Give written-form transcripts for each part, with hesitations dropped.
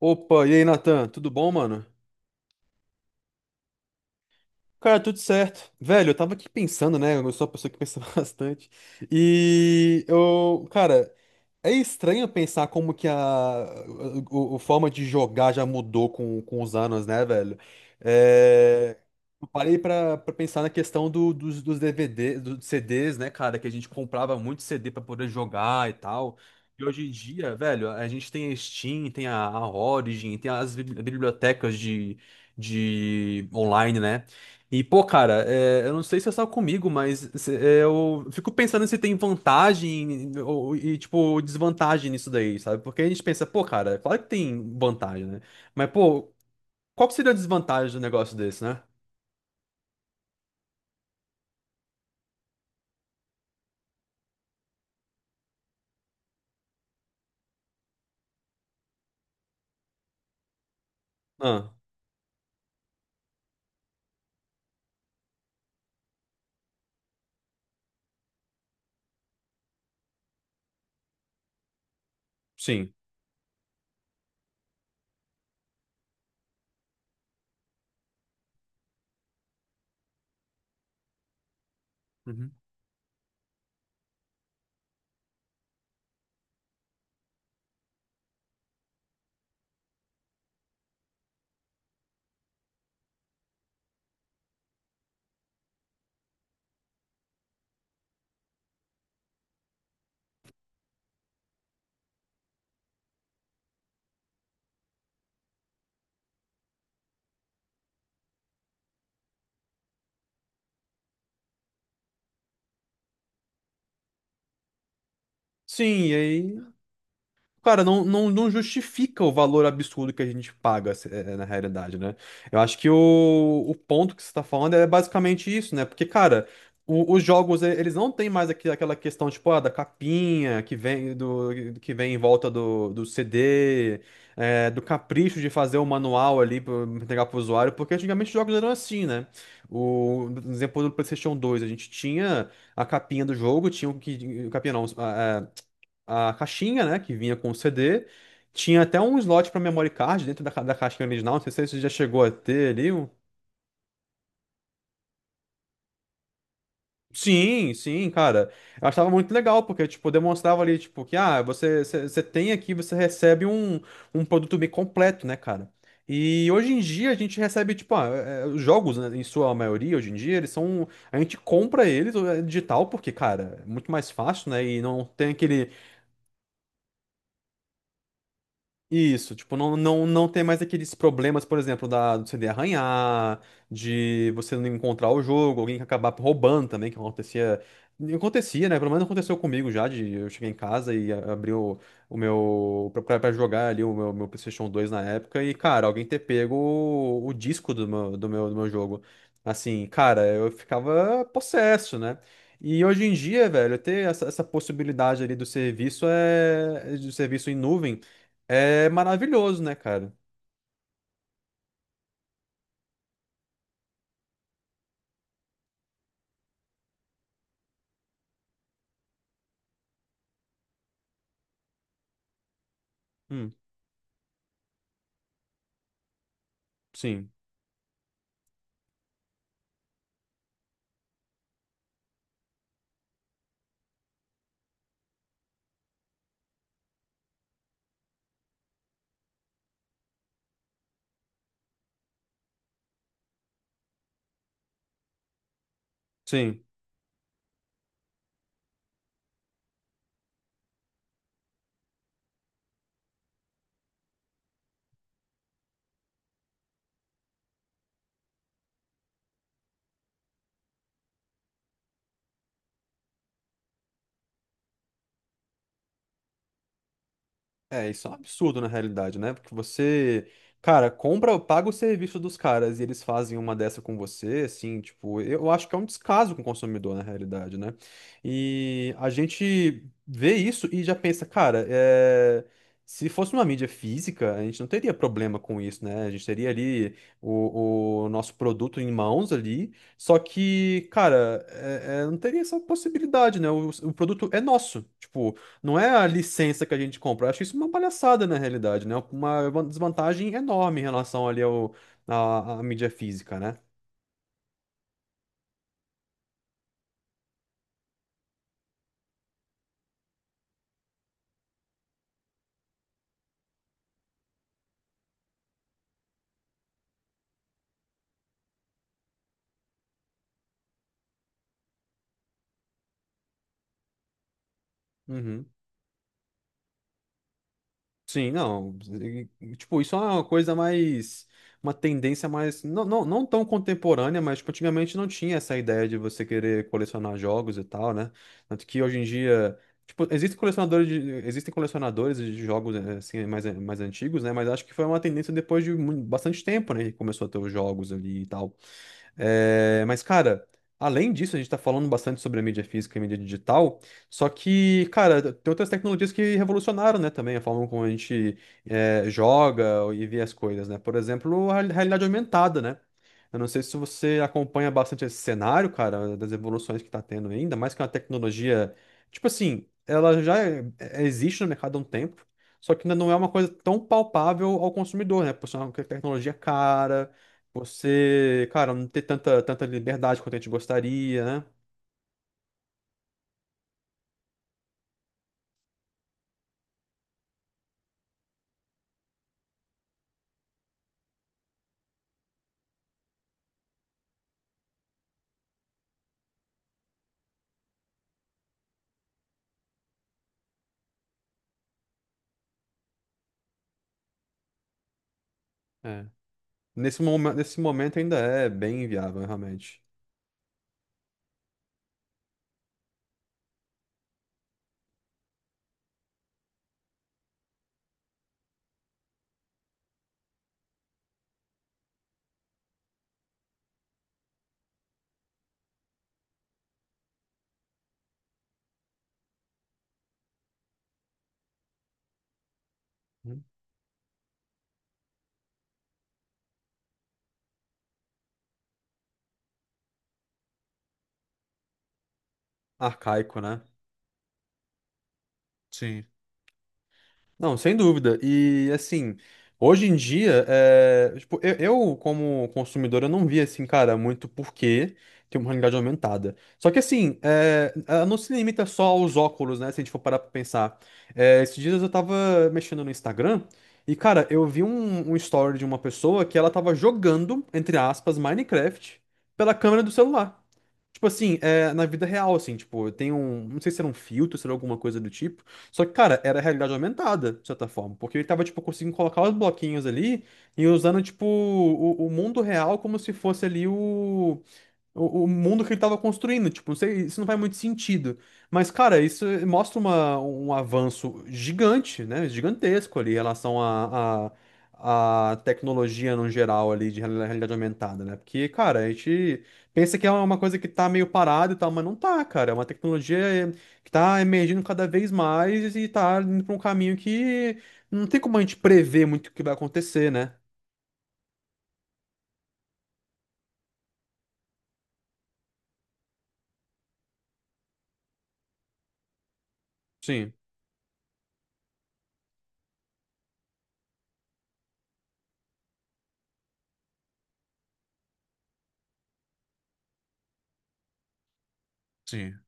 Opa, e aí, Natan? Tudo bom, mano? Cara, tudo certo. Velho, eu tava aqui pensando, né? Eu sou uma pessoa que pensa bastante. E eu, cara, é estranho pensar como que a forma de jogar já mudou com os anos, né, velho? É, eu parei pra pensar na questão dos DVD, dos CDs, né, cara? Que a gente comprava muito CD pra poder jogar e tal. E hoje em dia, velho, a gente tem a Steam, tem a Origin, tem as bibliotecas de online, né? E, pô, cara, é, eu não sei se é só comigo, mas é, eu fico pensando se tem vantagem ou, e, tipo, desvantagem nisso daí, sabe? Porque a gente pensa, pô, cara, claro que tem vantagem, né? Mas, pô, qual que seria a desvantagem do negócio desse, né? Ah, sim. Uhum. Sim, e aí. Cara, não, não, não justifica o valor absurdo que a gente paga, é, na realidade, né? Eu acho que o ponto que você está falando é basicamente isso, né? Porque, cara, os jogos, eles não têm mais aquela questão, tipo, ah, da capinha que vem do que vem em volta do CD, do capricho de fazer o manual ali para entregar pro usuário, porque antigamente os jogos eram assim, né? O, no exemplo do PlayStation dois a gente tinha a capinha do jogo, tinha o que. Capinha não, a caixinha, né, que vinha com o CD. Tinha até um slot para memory card dentro da, da caixinha original. Não sei se você já chegou a ter ali. Um- Sim, sim, cara. Eu achava muito legal, porque, tipo, demonstrava ali, tipo, que, ah, você você tem aqui, você recebe um, um produto bem completo, né, cara? E hoje em dia a gente recebe, tipo, ah, é, os jogos, né, em sua maioria, hoje em dia, eles são. A gente compra eles é, digital, porque, cara, é muito mais fácil, né? E não tem aquele Isso, tipo, não, não, não tem mais aqueles problemas, por exemplo, da, do CD arranhar, de você não encontrar o jogo, alguém que acabar roubando também, que acontecia. Acontecia, né? Pelo menos aconteceu comigo já, de eu cheguei em casa e abri o meu. Pra jogar ali o meu, meu PlayStation dois na época, e, cara, alguém ter pego o disco do meu, do meu jogo. Assim, cara, eu ficava possesso, né? E hoje em dia, velho, ter essa, essa possibilidade ali do serviço é. Do serviço em nuvem. É maravilhoso, né, cara? Hum, sim, sim. É, isso é um absurdo na realidade, né? Porque você, cara, compra, paga o serviço dos caras e eles fazem uma dessa com você, assim, tipo, eu acho que é um descaso com o consumidor na realidade, né? E a gente vê isso e já pensa, cara, é, se fosse uma mídia física, a gente não teria problema com isso, né? A gente teria ali o nosso produto em mãos ali, só que, cara, é, não teria essa possibilidade, né? O produto é nosso, tipo. Não é a licença que a gente compra. Eu acho isso uma palhaçada na realidade, né? Uma desvantagem enorme em relação ali ao, à mídia física, né? Uhum. Sim, não. Tipo, isso é uma coisa mais. Uma tendência mais. Não, não, não tão contemporânea, mas tipo, antigamente não tinha essa ideia de você querer colecionar jogos e tal, né? Tanto que hoje em dia. Tipo, existem colecionadores de jogos assim, mais, mais antigos, né? Mas acho que foi uma tendência depois de bastante tempo, né? Que começou a ter os jogos ali e tal. É, mas, cara, além disso, a gente tá falando bastante sobre a mídia física e a mídia digital, só que, cara, tem outras tecnologias que revolucionaram, né, também, a forma como a gente é, joga e vê as coisas, né? Por exemplo, a realidade aumentada, né? Eu não sei se você acompanha bastante esse cenário, cara, das evoluções que tá tendo ainda, mais que uma tecnologia, tipo assim, ela já existe no mercado há um tempo, só que ainda não é uma coisa tão palpável ao consumidor, né? Por ser uma tecnologia cara você, cara, não ter tanta liberdade quanto a gente gostaria, né? É. Nesse momento ainda é bem inviável, realmente. Hum, Arcaico, né? Sim. Não, sem dúvida. E assim, hoje em dia, é, tipo, eu, como consumidor, eu não vi assim, cara, muito porquê ter uma realidade aumentada. Só que assim, é, ela não se limita só aos óculos, né? Se a gente for parar pra pensar. É, esses dias eu tava mexendo no Instagram e, cara, eu vi um story de uma pessoa que ela tava jogando, entre aspas, Minecraft pela câmera do celular. Tipo assim, é, na vida real, assim, tipo, tem um. Não sei se era um filtro, se era alguma coisa do tipo. Só que, cara, era realidade aumentada, de certa forma. Porque ele tava, tipo, conseguindo colocar os bloquinhos ali e usando, tipo, o mundo real como se fosse ali o. O mundo que ele tava construindo, tipo, não sei, isso não faz muito sentido. Mas, cara, isso mostra uma, um avanço gigante, né? Gigantesco ali em relação à tecnologia no geral ali de realidade aumentada, né? Porque, cara, a gente pensa que é uma coisa que tá meio parada e tal, mas não tá, cara. É uma tecnologia eh, que tá emergindo cada vez mais e tá indo pra um caminho que não tem como a gente prever muito o que vai acontecer, né? Sim, sim.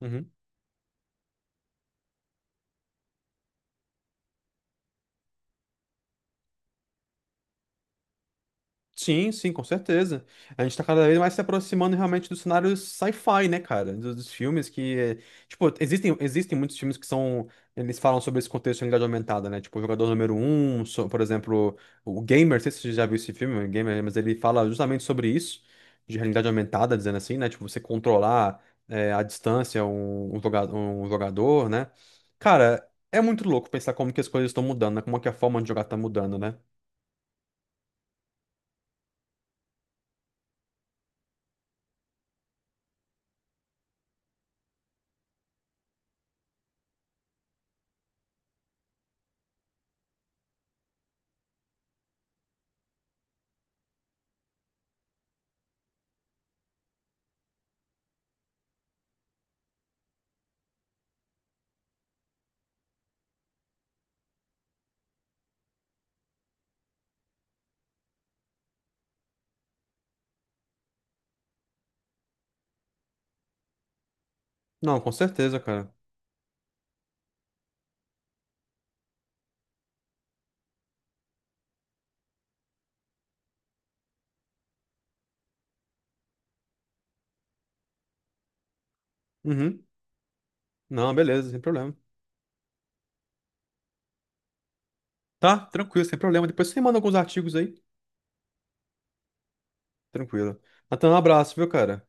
Uhum. Sim, sim, com certeza. A gente tá cada vez mais se aproximando realmente do cenário sci-fi, né, cara? Dos filmes que, tipo, existem muitos filmes que são, eles falam sobre esse contexto de realidade aumentada, né? Tipo, o Jogador Número um por exemplo, o Gamer, não sei se você já viu esse filme, o Gamer, mas ele fala justamente sobre isso, de realidade aumentada, dizendo assim, né? Tipo, você controlar, à distância um, um jogador, né? Cara, é muito louco pensar como que as coisas estão mudando, né? Como é que a forma de jogar tá mudando, né? Não, com certeza, cara. Uhum. Não, beleza, sem problema. Tá? Tranquilo, sem problema. Depois você manda alguns artigos aí. Tranquilo. Natan, um abraço, viu, cara?